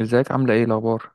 ازيك عاملة ايه الأخبار؟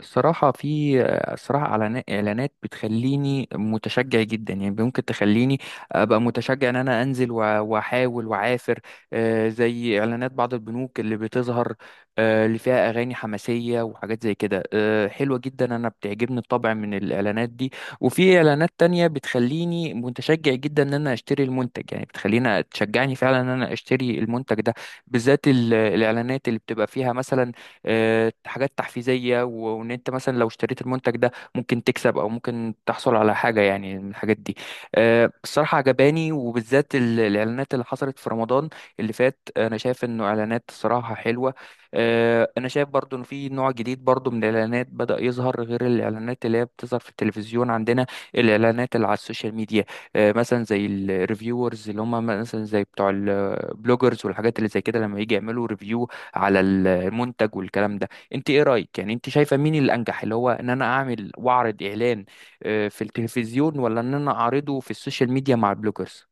الصراحة في الصراحة إعلانات بتخليني متشجع جدا يعني ممكن تخليني أبقى متشجع إن أنا أنزل وأحاول وأعافر. زي إعلانات بعض البنوك اللي بتظهر، اللي فيها أغاني حماسية وحاجات زي كده، حلوة جدا. أنا بتعجبني الطبع من الإعلانات دي، وفي إعلانات تانية بتخليني متشجع جدا إن أنا أشتري المنتج، يعني بتخليني تشجعني فعلا إن أنا أشتري المنتج ده، بالذات الإعلانات اللي بتبقى فيها مثلا حاجات تحفيزية وان انت مثلا لو اشتريت المنتج ده ممكن تكسب او ممكن تحصل على حاجة يعني من الحاجات دي. الصراحة عجباني، وبالذات الاعلانات اللي حصلت في رمضان اللي فات. انا شايف انه اعلانات الصراحة حلوة. انا شايف برضو ان في نوع جديد برضو من الاعلانات بدأ يظهر غير الاعلانات اللي هي بتظهر في التلفزيون عندنا، الاعلانات اللي على السوشيال ميديا. مثلا زي الريفيورز اللي هم مثلا زي بتوع البلوجرز والحاجات اللي زي كده، لما يجي يعملوا ريفيو على المنتج والكلام ده. انت ايه رايك؟ يعني انت شايفه مين الانجح، اللي هو ان انا اعمل واعرض اعلان في التلفزيون، ولا ان انا اعرضه في السوشيال ميديا مع البلوجرز؟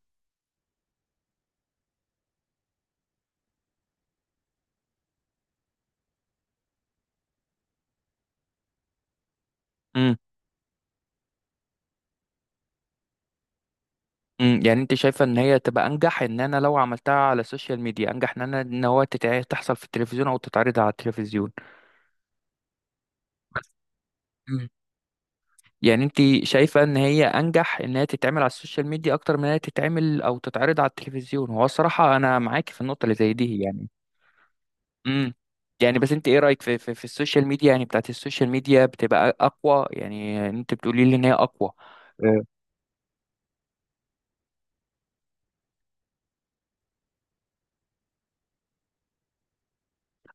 امم امم، يعني انت شايفه ان هي تبقى انجح ان انا لو عملتها على السوشيال ميديا انجح ان انا ان هو تحصل في التلفزيون او تتعرض على التلفزيون؟ بس امم، يعني انت شايفه ان هي انجح ان هي تتعمل على السوشيال ميديا اكتر من ان هي تتعمل او تتعرض على التلفزيون؟ هو الصراحه انا معاكي في النقطه اللي زي دي يعني. امم، يعني بس انت ايه رايك في في السوشيال ميديا، يعني بتاعت السوشيال ميديا بتبقى اقوى؟ يعني انت بتقولي لي ان هي اقوى؟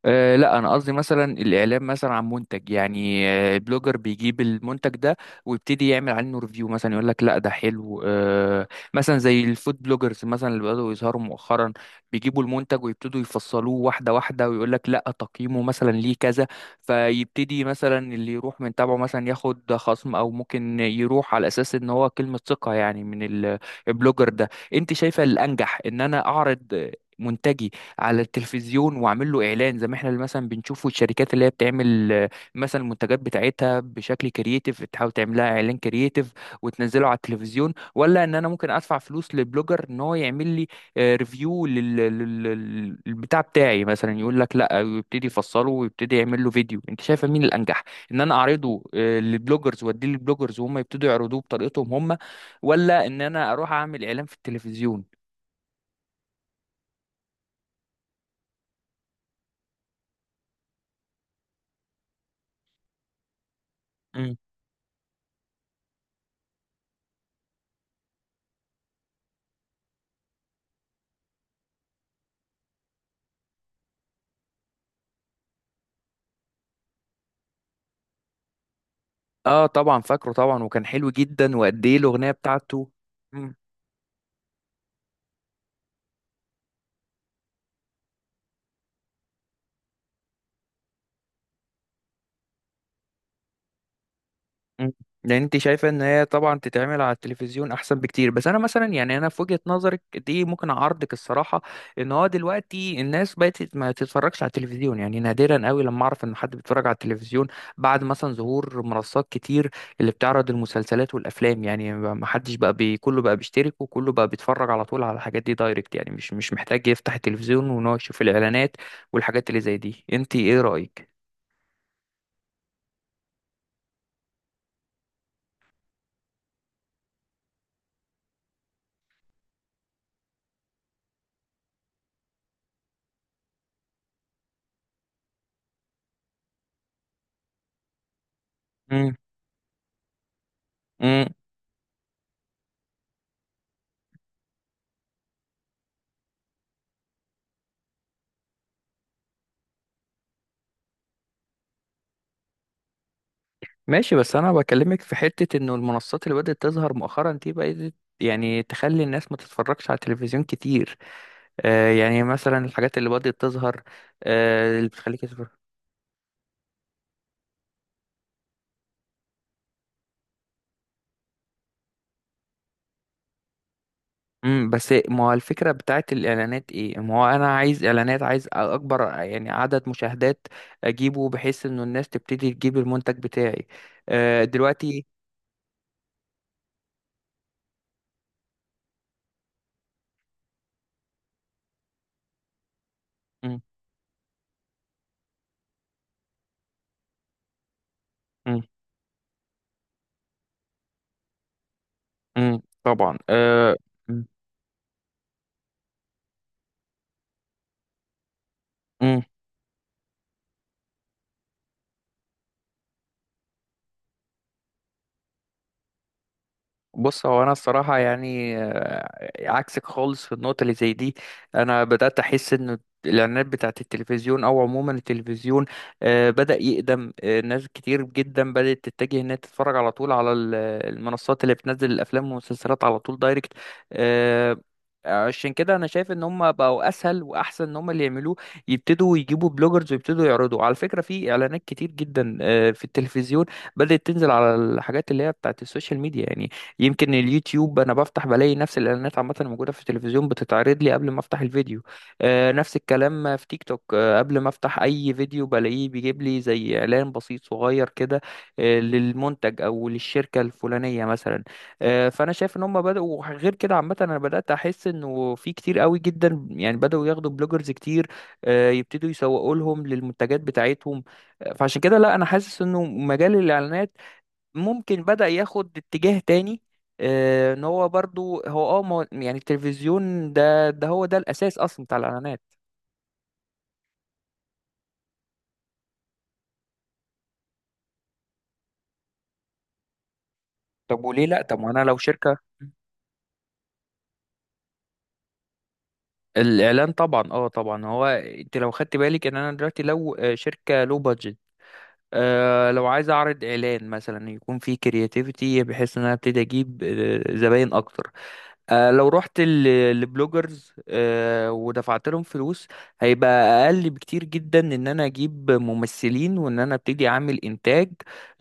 أه لا، انا قصدي مثلا الاعلان مثلا عن منتج، يعني البلوجر بيجيب المنتج ده ويبتدي يعمل عنه ريفيو، مثلا يقول لك لا ده حلو أه. مثلا زي الفود بلوجرز مثلا اللي بدأوا يظهروا مؤخرا، بيجيبوا المنتج ويبتدوا يفصلوه واحده واحده ويقول لك لا تقييمه مثلا ليه كذا، فيبتدي مثلا اللي يروح من تابعه مثلا ياخد خصم او ممكن يروح على اساس ان هو كلمه ثقه يعني من البلوجر ده. انت شايفه الانجح ان انا اعرض منتجي على التلفزيون واعمل له اعلان زي ما احنا اللي مثلا بنشوفه الشركات اللي هي بتعمل، مثلا المنتجات بتاعتها بشكل كرييتيف تحاول تعملها اعلان كرييتيف وتنزله على التلفزيون، ولا ان انا ممكن ادفع فلوس لبلوجر ان هو يعمل لي ريفيو للبتاع بتاعي، مثلا يقول لك لا ويبتدي يفصله ويبتدي يعمل له فيديو؟ انت شايفه مين الانجح، ان انا اعرضه للبلوجرز واديه للبلوجرز وهم يبتدوا يعرضوه بطريقتهم هم، ولا ان انا اروح اعمل اعلان في التلفزيون؟ اه طبعا فاكره طبعا، وكان حلو جدا، وقد ايه الاغنيه بتاعته. مم. يعني انت شايفه ان هي طبعا تتعمل على التلفزيون احسن بكتير، بس انا مثلا يعني انا في وجهه نظرك دي ممكن اعارضك الصراحه. ان هو دلوقتي الناس بقت ما تتفرجش على التلفزيون، يعني نادرا قوي لما اعرف ان حد بيتفرج على التلفزيون بعد مثلا ظهور منصات كتير اللي بتعرض المسلسلات والافلام. يعني ما حدش بقى بي كله بقى بيشترك وكله بقى بيتفرج على طول على الحاجات دي دايركت، يعني مش محتاج يفتح التلفزيون وان هو يشوف الاعلانات والحاجات اللي زي دي. انت ايه رايك؟ مم. ماشي، بس انا بكلمك في حتة انه المنصات اللي بدأت تظهر مؤخرا دي بقت يعني تخلي الناس ما تتفرجش على التلفزيون كتير. آه، يعني مثلا الحاجات اللي بدأت تظهر، آه، اللي بتخليك تتفرج. امم، بس ما هو الفكرة بتاعت الإعلانات ايه؟ ما هو انا عايز إعلانات، عايز اكبر يعني عدد مشاهدات اجيبه بحيث انه الناس تبتدي تجيب المنتج بتاعي آه دلوقتي. امم. امم امم طبعا، آه، امم. بص، هو انا الصراحه يعني عكسك خالص في النقطه اللي زي دي. انا بدات احس ان الاعلانات بتاعت التلفزيون او عموما التلفزيون بدا يقدم، ناس كتير جدا بدات تتجه انها تتفرج على طول على المنصات اللي بتنزل الافلام والمسلسلات على طول دايركت. آه، عشان كده انا شايف ان هم بقوا اسهل واحسن ان هم اللي يعملوه، يبتدوا يجيبوا بلوجرز ويبتدوا يعرضوا. على فكره في اعلانات كتير جدا، في التلفزيون، بدات تنزل على الحاجات اللي هي بتاعت السوشيال ميديا يعني. يمكن اليوتيوب انا بفتح بلاقي نفس الاعلانات عامه الموجوده في التلفزيون بتتعرض لي قبل ما افتح الفيديو، نفس الكلام في تيك توك، قبل ما افتح اي فيديو بلاقيه بيجيب لي زي اعلان بسيط صغير كده للمنتج او للشركه الفلانيه مثلا. فانا شايف ان هم بداوا غير كده عامه. انا بدات احس انه في كتير قوي جدا يعني بداوا ياخدوا بلوجرز كتير يبتدوا يسوقوا لهم للمنتجات بتاعتهم. فعشان كده لا، انا حاسس انه مجال الاعلانات ممكن بدأ ياخد اتجاه تاني، ان هو برضو هو اه يعني التلفزيون ده هو ده الاساس اصلا بتاع الاعلانات. طب وليه لا؟ طب وانا لو شركة الاعلان طبعا اه طبعا، هو انت لو خدت بالك ان انا دلوقتي لو شركه لو بادجت أه، لو عايز اعرض اعلان مثلا يكون فيه كرياتيفيتي بحيث ان انا ابتدي اجيب زباين اكتر، لو رحت لبلوجرز ودفعت لهم فلوس، هيبقى اقل بكتير جدا ان انا اجيب ممثلين وان انا ابتدي اعمل انتاج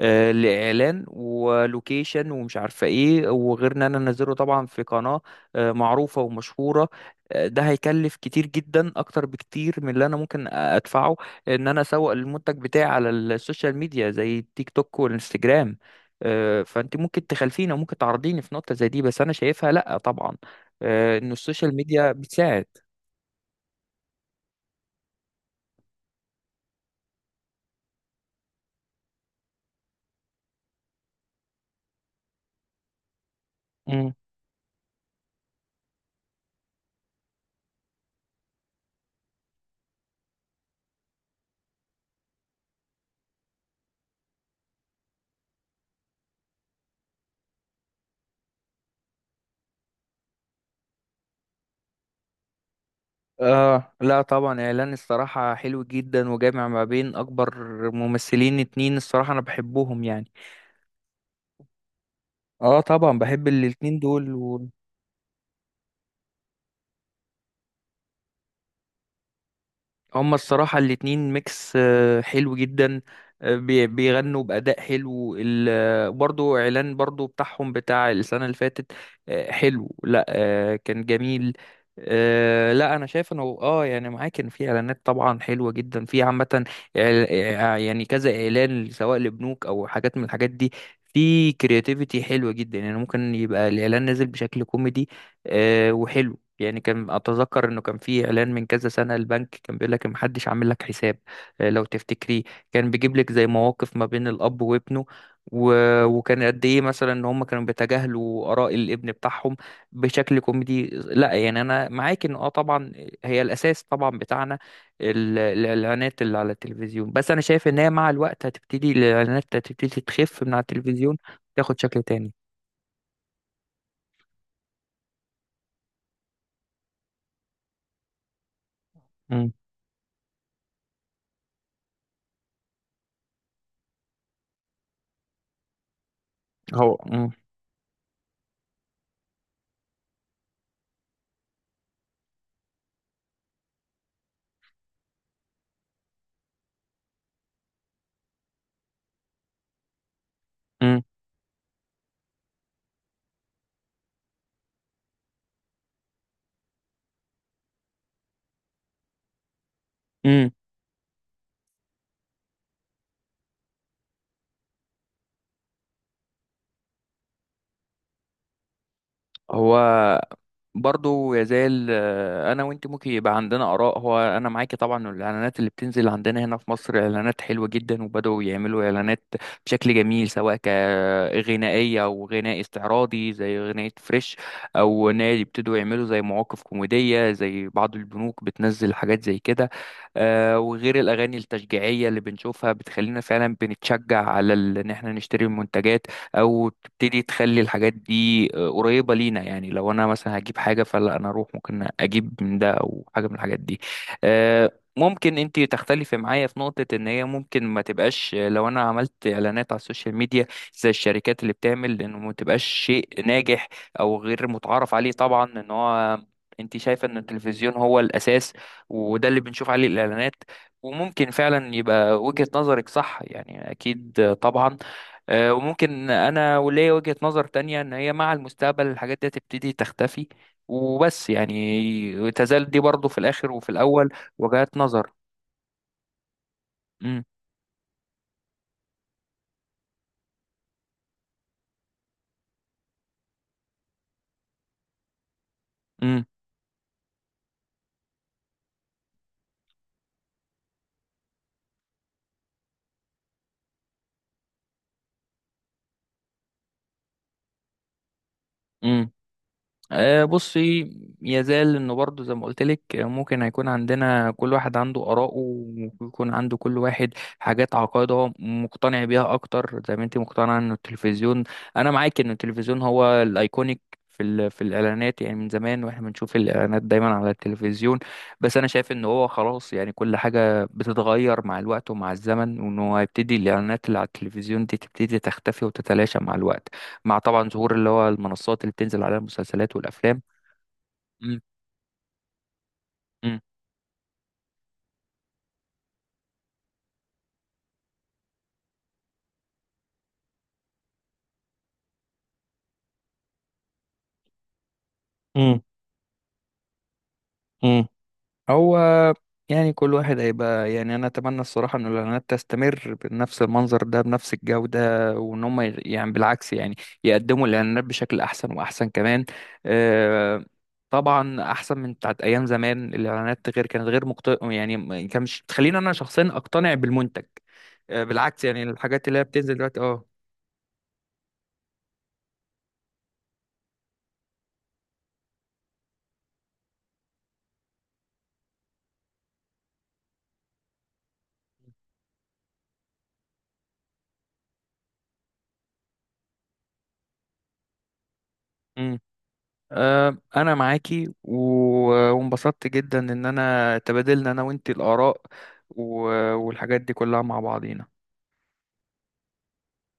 لاعلان ولوكيشن ومش عارفه ايه، وغير ان انا انزله طبعا في قناه معروفه ومشهوره. ده هيكلف كتير جدا اكتر بكتير من اللي انا ممكن ادفعه ان انا اسوق المنتج بتاعي على السوشيال ميديا زي التيك توك والانستجرام. فانت ممكن تخالفيني وممكن تعرضيني في نقطة زي دي، بس انا شايفها لا طبعا، انه السوشيال ميديا بتساعد. مم. اه لا طبعا، اعلان الصراحة حلو جدا وجامع ما بين اكبر ممثلين اتنين، الصراحة انا بحبهم يعني. اه طبعا بحب الاتنين دول. هما الصراحة الاتنين ميكس حلو جدا، بيغنوا بأداء حلو. برضو إعلان برضو بتاعهم بتاع السنة اللي فاتت حلو. لا آه، كان جميل. لا أنا شايف إنه آه يعني معاك، كان في إعلانات طبعا حلوة جدا في عامة يعني كذا إعلان سواء لبنوك أو حاجات من الحاجات دي، في كرياتيفيتي حلوة جدا. يعني ممكن يبقى الإعلان نازل بشكل كوميدي وحلو. يعني كان اتذكر انه كان في اعلان من كذا سنه، البنك كان بيقول لك محدش عامل لك حساب، لو تفتكريه، كان بيجيب لك زي مواقف ما بين الاب وابنه و... وكان قد ايه مثلا ان هم كانوا بيتجاهلوا اراء الابن بتاعهم بشكل كوميدي. لا يعني انا معاك ان اه طبعا هي الاساس طبعا بتاعنا الاعلانات اللي على التلفزيون، بس انا شايف ان هي مع الوقت هتبتدي الاعلانات هتبتدي تخف من على التلفزيون، تاخد شكل تاني. امم. هو امم. امم. هو برضو يزال انا وانت ممكن يبقى عندنا اراء. هو انا معاكي طبعا إنه الاعلانات اللي بتنزل عندنا هنا في مصر اعلانات حلوه جدا، وبداوا يعملوا اعلانات بشكل جميل سواء كغنائيه او غناء استعراضي زي غناء فريش، او نادي يبتدوا يعملوا زي مواقف كوميديه زي بعض البنوك بتنزل حاجات زي كده، وغير الاغاني التشجيعيه اللي بنشوفها بتخلينا فعلا بنتشجع على ان احنا نشتري المنتجات، او تبتدي تخلي الحاجات دي قريبه لينا، يعني لو انا مثلا هجيب حاجه فلا انا اروح ممكن اجيب من ده او حاجه من الحاجات دي. ممكن انت تختلفي معايا في نقطة ان هي ممكن ما تبقاش، لو انا عملت اعلانات على السوشيال ميديا زي الشركات اللي بتعمل، انه ما تبقاش شيء ناجح او غير متعارف عليه طبعا. ان هو انت شايفة ان التلفزيون هو الاساس وده اللي بنشوف عليه الاعلانات، وممكن فعلا يبقى وجهة نظرك صح يعني اكيد، طبعا، وممكن انا وليا وجهة نظر تانية ان هي مع المستقبل الحاجات دي تبتدي تختفي، وبس يعني تزال دي برضو في الاخر وفي الاول وجهات نظر. امم. بصي، يزال انه برضه زي ما قلت لك، ممكن هيكون عندنا كل واحد عنده آراءه، ويكون عنده كل واحد حاجات عقائد هو مقتنع بيها اكتر، زي ما انت مقتنعه ان التلفزيون، انا معاك ان التلفزيون هو الايكونيك في في الاعلانات، يعني من زمان واحنا بنشوف الاعلانات دايما على التلفزيون، بس انا شايف ان هو خلاص، يعني كل حاجه بتتغير مع الوقت ومع الزمن، وانه هيبتدي الاعلانات اللي على التلفزيون دي تبتدي تختفي وتتلاشى مع الوقت، مع طبعا ظهور اللي هو المنصات اللي بتنزل عليها المسلسلات والافلام. مم. مم. امم. امم. هو يعني كل واحد هيبقى، يعني انا اتمنى الصراحه ان الاعلانات تستمر بنفس المنظر ده بنفس الجوده، وان هم يعني بالعكس يعني يقدموا الاعلانات بشكل احسن واحسن كمان، آه، طبعا احسن من بتاعت ايام زمان. الاعلانات غير كانت غير يعني ما كانش بتخليني انا شخصيا اقتنع بالمنتج، بالعكس يعني الحاجات اللي هي بتنزل دلوقتي اه. انا معاكي وانبسطت جدا ان انا تبادلنا انا وانتي الاراء والحاجات دي كلها مع بعضينا.